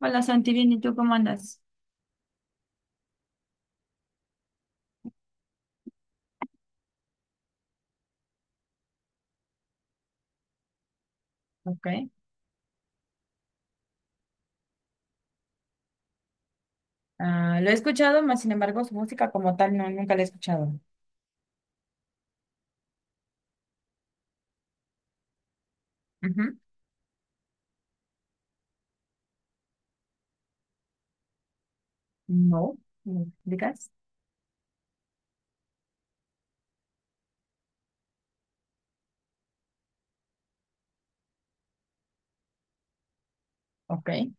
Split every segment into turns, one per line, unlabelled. Hola Santi, bien, ¿y tú cómo andas? Ok. Ah, lo he escuchado, más sin embargo, su música como tal no, nunca la he escuchado. Ujú. No, ¿me explicas? Ok.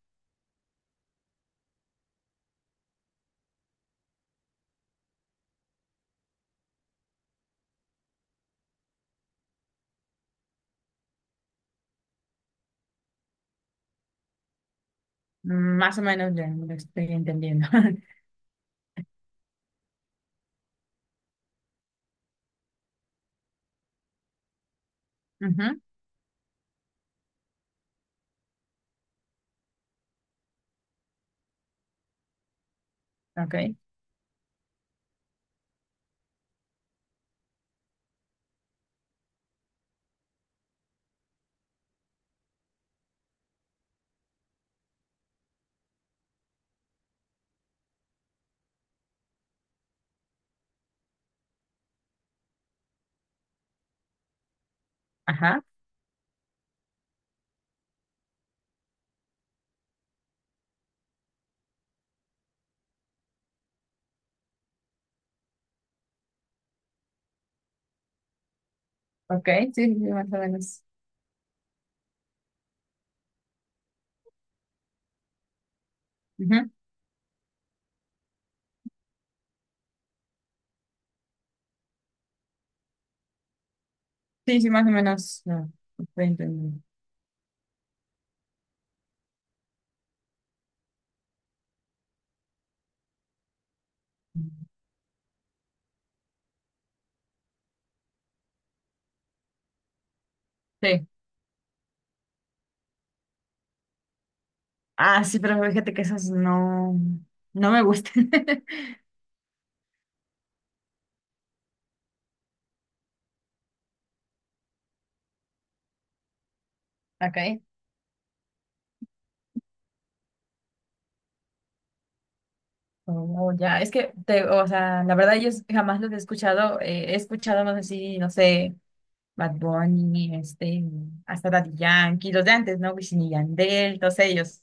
Más o menos ya lo estoy entendiendo. Ujú. Ok. Ajá. Ok. Sí, sí, sí, más o menos. Ujú. Sí, sí, más o menos. No, estoy entendiendo. Sí. Ah, sí, pero fíjate que esas no, no me gustan. Ok. Oh, ya, o sea, la verdad yo jamás los he escuchado más así, no sé, Bad Bunny, hasta Daddy Yankee, los de antes, ¿no? Wisin y Yandel, todos ellos,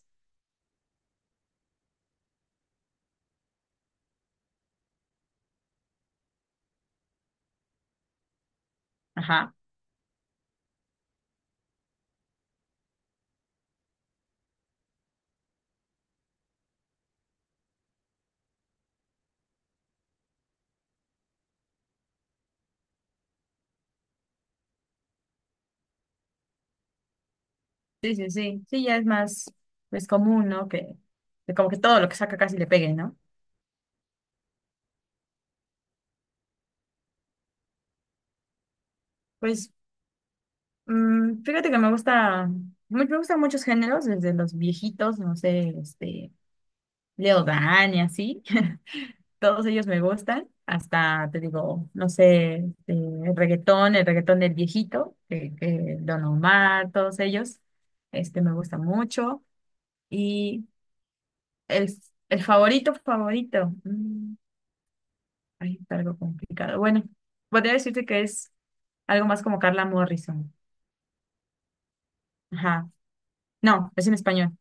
ajá, sí, sí, sí, sí, ya es más, pues, común, ¿no? Que como que todo lo que saca casi le pegue, ¿no? Pues, fíjate que me gustan muchos géneros, desde los viejitos, no sé, Leo Dan y así, Todos ellos me gustan, hasta te digo, no sé, este, el reggaetón del viejito, que Don Omar, todos ellos, este me gusta mucho. Y el, el favorito, favorito, ay, está algo complicado. Bueno, podría decirte que es algo más como Carla Morrison. Ajá. No, es en español,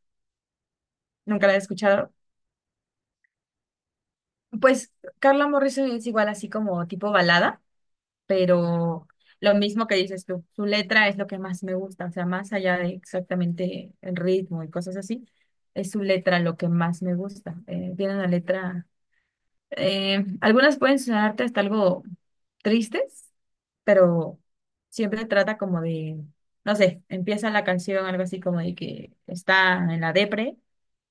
nunca la he escuchado. Pues Carla Morrison es igual así como tipo balada. Pero lo mismo que dices tú, su letra es lo que más me gusta, o sea, más allá de exactamente el ritmo y cosas así, es su letra lo que más me gusta. Tiene una letra. Algunas pueden sonarte hasta algo tristes, pero siempre trata como de, no sé, empieza la canción algo así como de que está en la depre,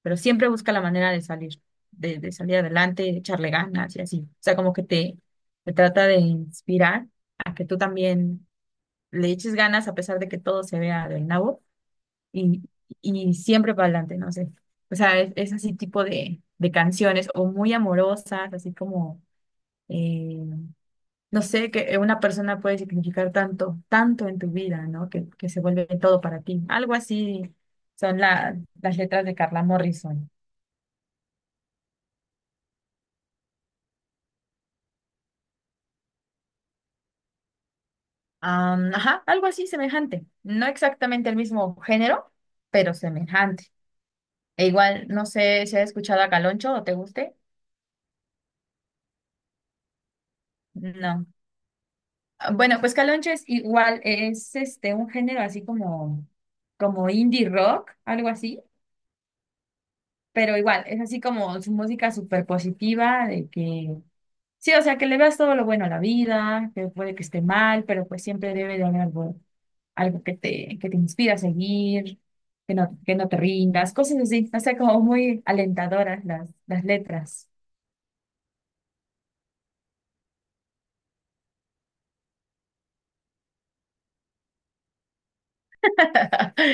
pero siempre busca la manera de salir, de salir adelante, de echarle ganas y así. O sea, como que te trata de inspirar a que tú también le eches ganas a pesar de que todo se vea del nabo y, y siempre para adelante, no sé. O sea, es así tipo de canciones o muy amorosas, así como eh, no sé, que una persona puede significar tanto, tanto en tu vida, ¿no? Que se vuelve todo para ti. Algo así son las letras de Carla Morrison. Ajá, algo así semejante. No exactamente el mismo género, pero semejante. E igual, no sé si has escuchado a Caloncho o te guste. No. Ah, bueno, pues Caloncho es igual, es este un género así como, como indie rock, algo así, pero igual, es así como su música súper positiva, de que sí, o sea, que le veas todo lo bueno a la vida, que puede que esté mal, pero pues siempre debe de haber algo, algo que que te inspira a seguir, que no te rindas, cosas así, o sea, como muy alentadoras las letras.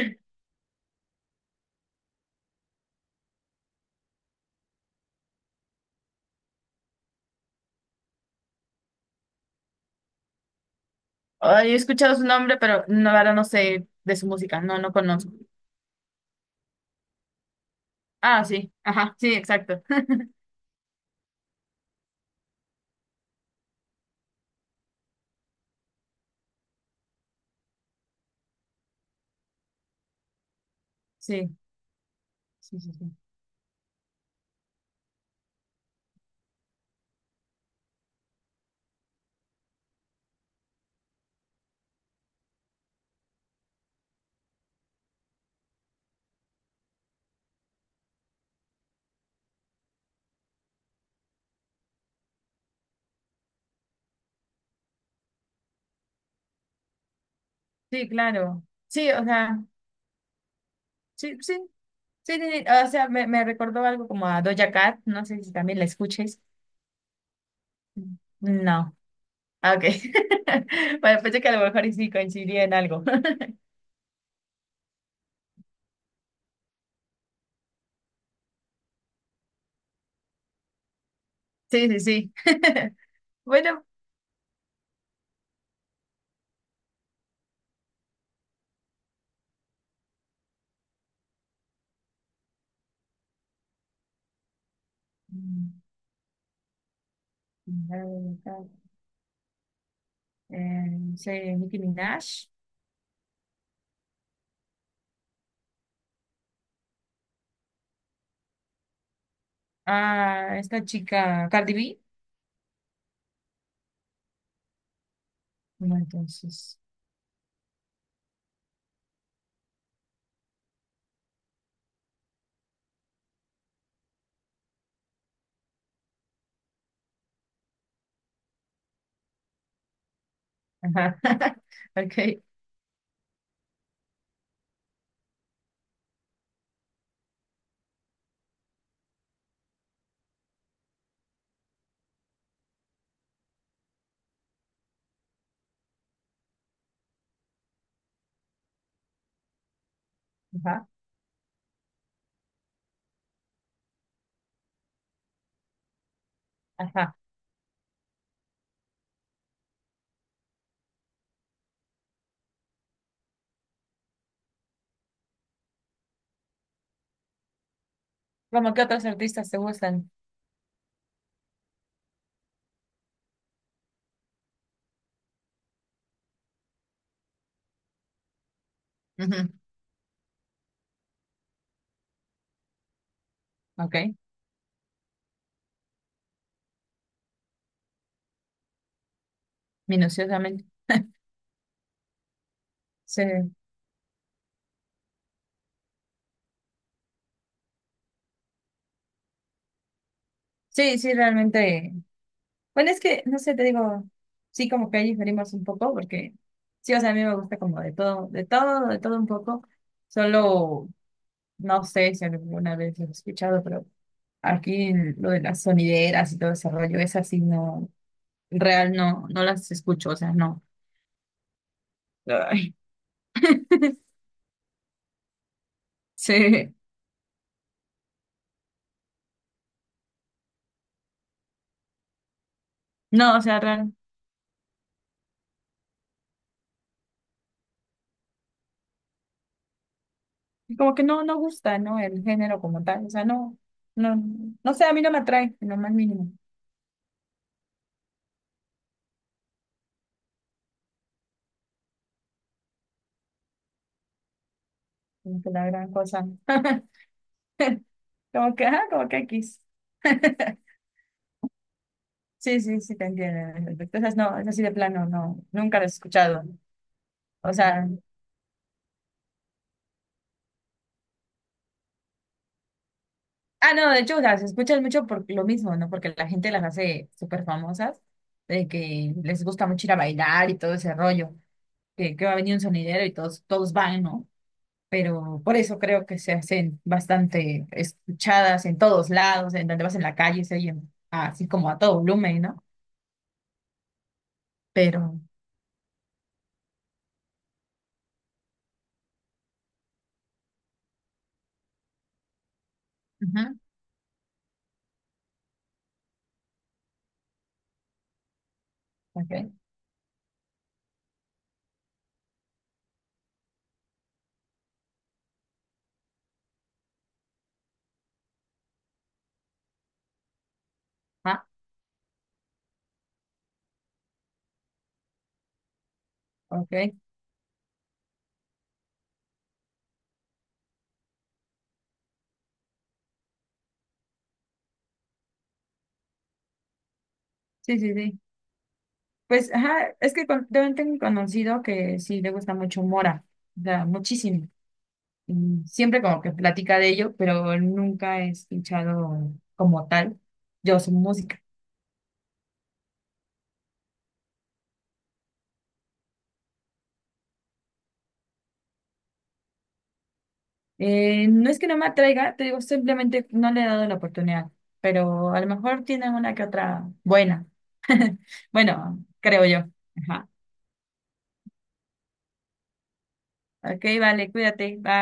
Ay, he escuchado su nombre, pero no, la verdad no sé de su música, no, no conozco. Ah, sí, ajá, sí, exacto. Sí, sí, sí, sí. Sí, claro. Sí, o sea, sí, sí, sí, sí, sí, o sea, me recordó algo como a Doja Cat, no sé si también la escuches. Mm. No. Ah, ok. Bueno, pensé que a lo mejor y sí coincidía en algo. Sí, sí, sí. Bueno. Mm, sí, Nicki Minaj. Ah, esta chica, Cardi B. No, entonces. Ajá. Ok. Ajá. Ajá. Vamos, ¿qué otros artistas te gustan? Ujú, ok. Minuciosamente. Sí. Sí, sí, realmente. Bueno, es que, no sé, te digo, sí como que ahí diferimos un poco, porque sí, o sea, a mí me gusta como de todo, de todo, de todo un poco. Solo, no sé si alguna vez lo he escuchado, pero aquí lo de las sonideras y todo ese rollo, es así, no, en real, no, no las escucho, o sea, no. Ay, sí, no, o sea, real, como que no, no gusta, ¿no? El género como tal, o sea, no, no, no sé, a mí no me atrae, en lo más mínimo, como que la gran cosa. Como que, ah como que X. Sí, sí, sí, te entiendo en ese aspecto. Esas no, es así de plano, no, nunca las he escuchado. O sea, ah, no, de hecho, las escuchas mucho por lo mismo, ¿no? Porque la gente las hace súper famosas, de que les gusta mucho ir a bailar y todo ese rollo, que va a venir un sonidero y todos, todos van, ¿no? Pero por eso creo que se hacen bastante escuchadas en todos lados, en donde vas en la calle, se oyen así como a todo volumen, ¿no? Pero, ujú, ok, ah, ok, sí, sí, sí. Pues, ajá, es que también tengo un conocido que sí le gusta mucho Mora, o sea, muchísimo. Y siempre como que platica de ello, pero nunca he escuchado como tal yo su música. No es que no me atraiga, te digo, simplemente no le he dado la oportunidad, pero a lo mejor tiene una que otra buena. Bueno, creo yo. Ajá. Ok, vale, cuídate, bye.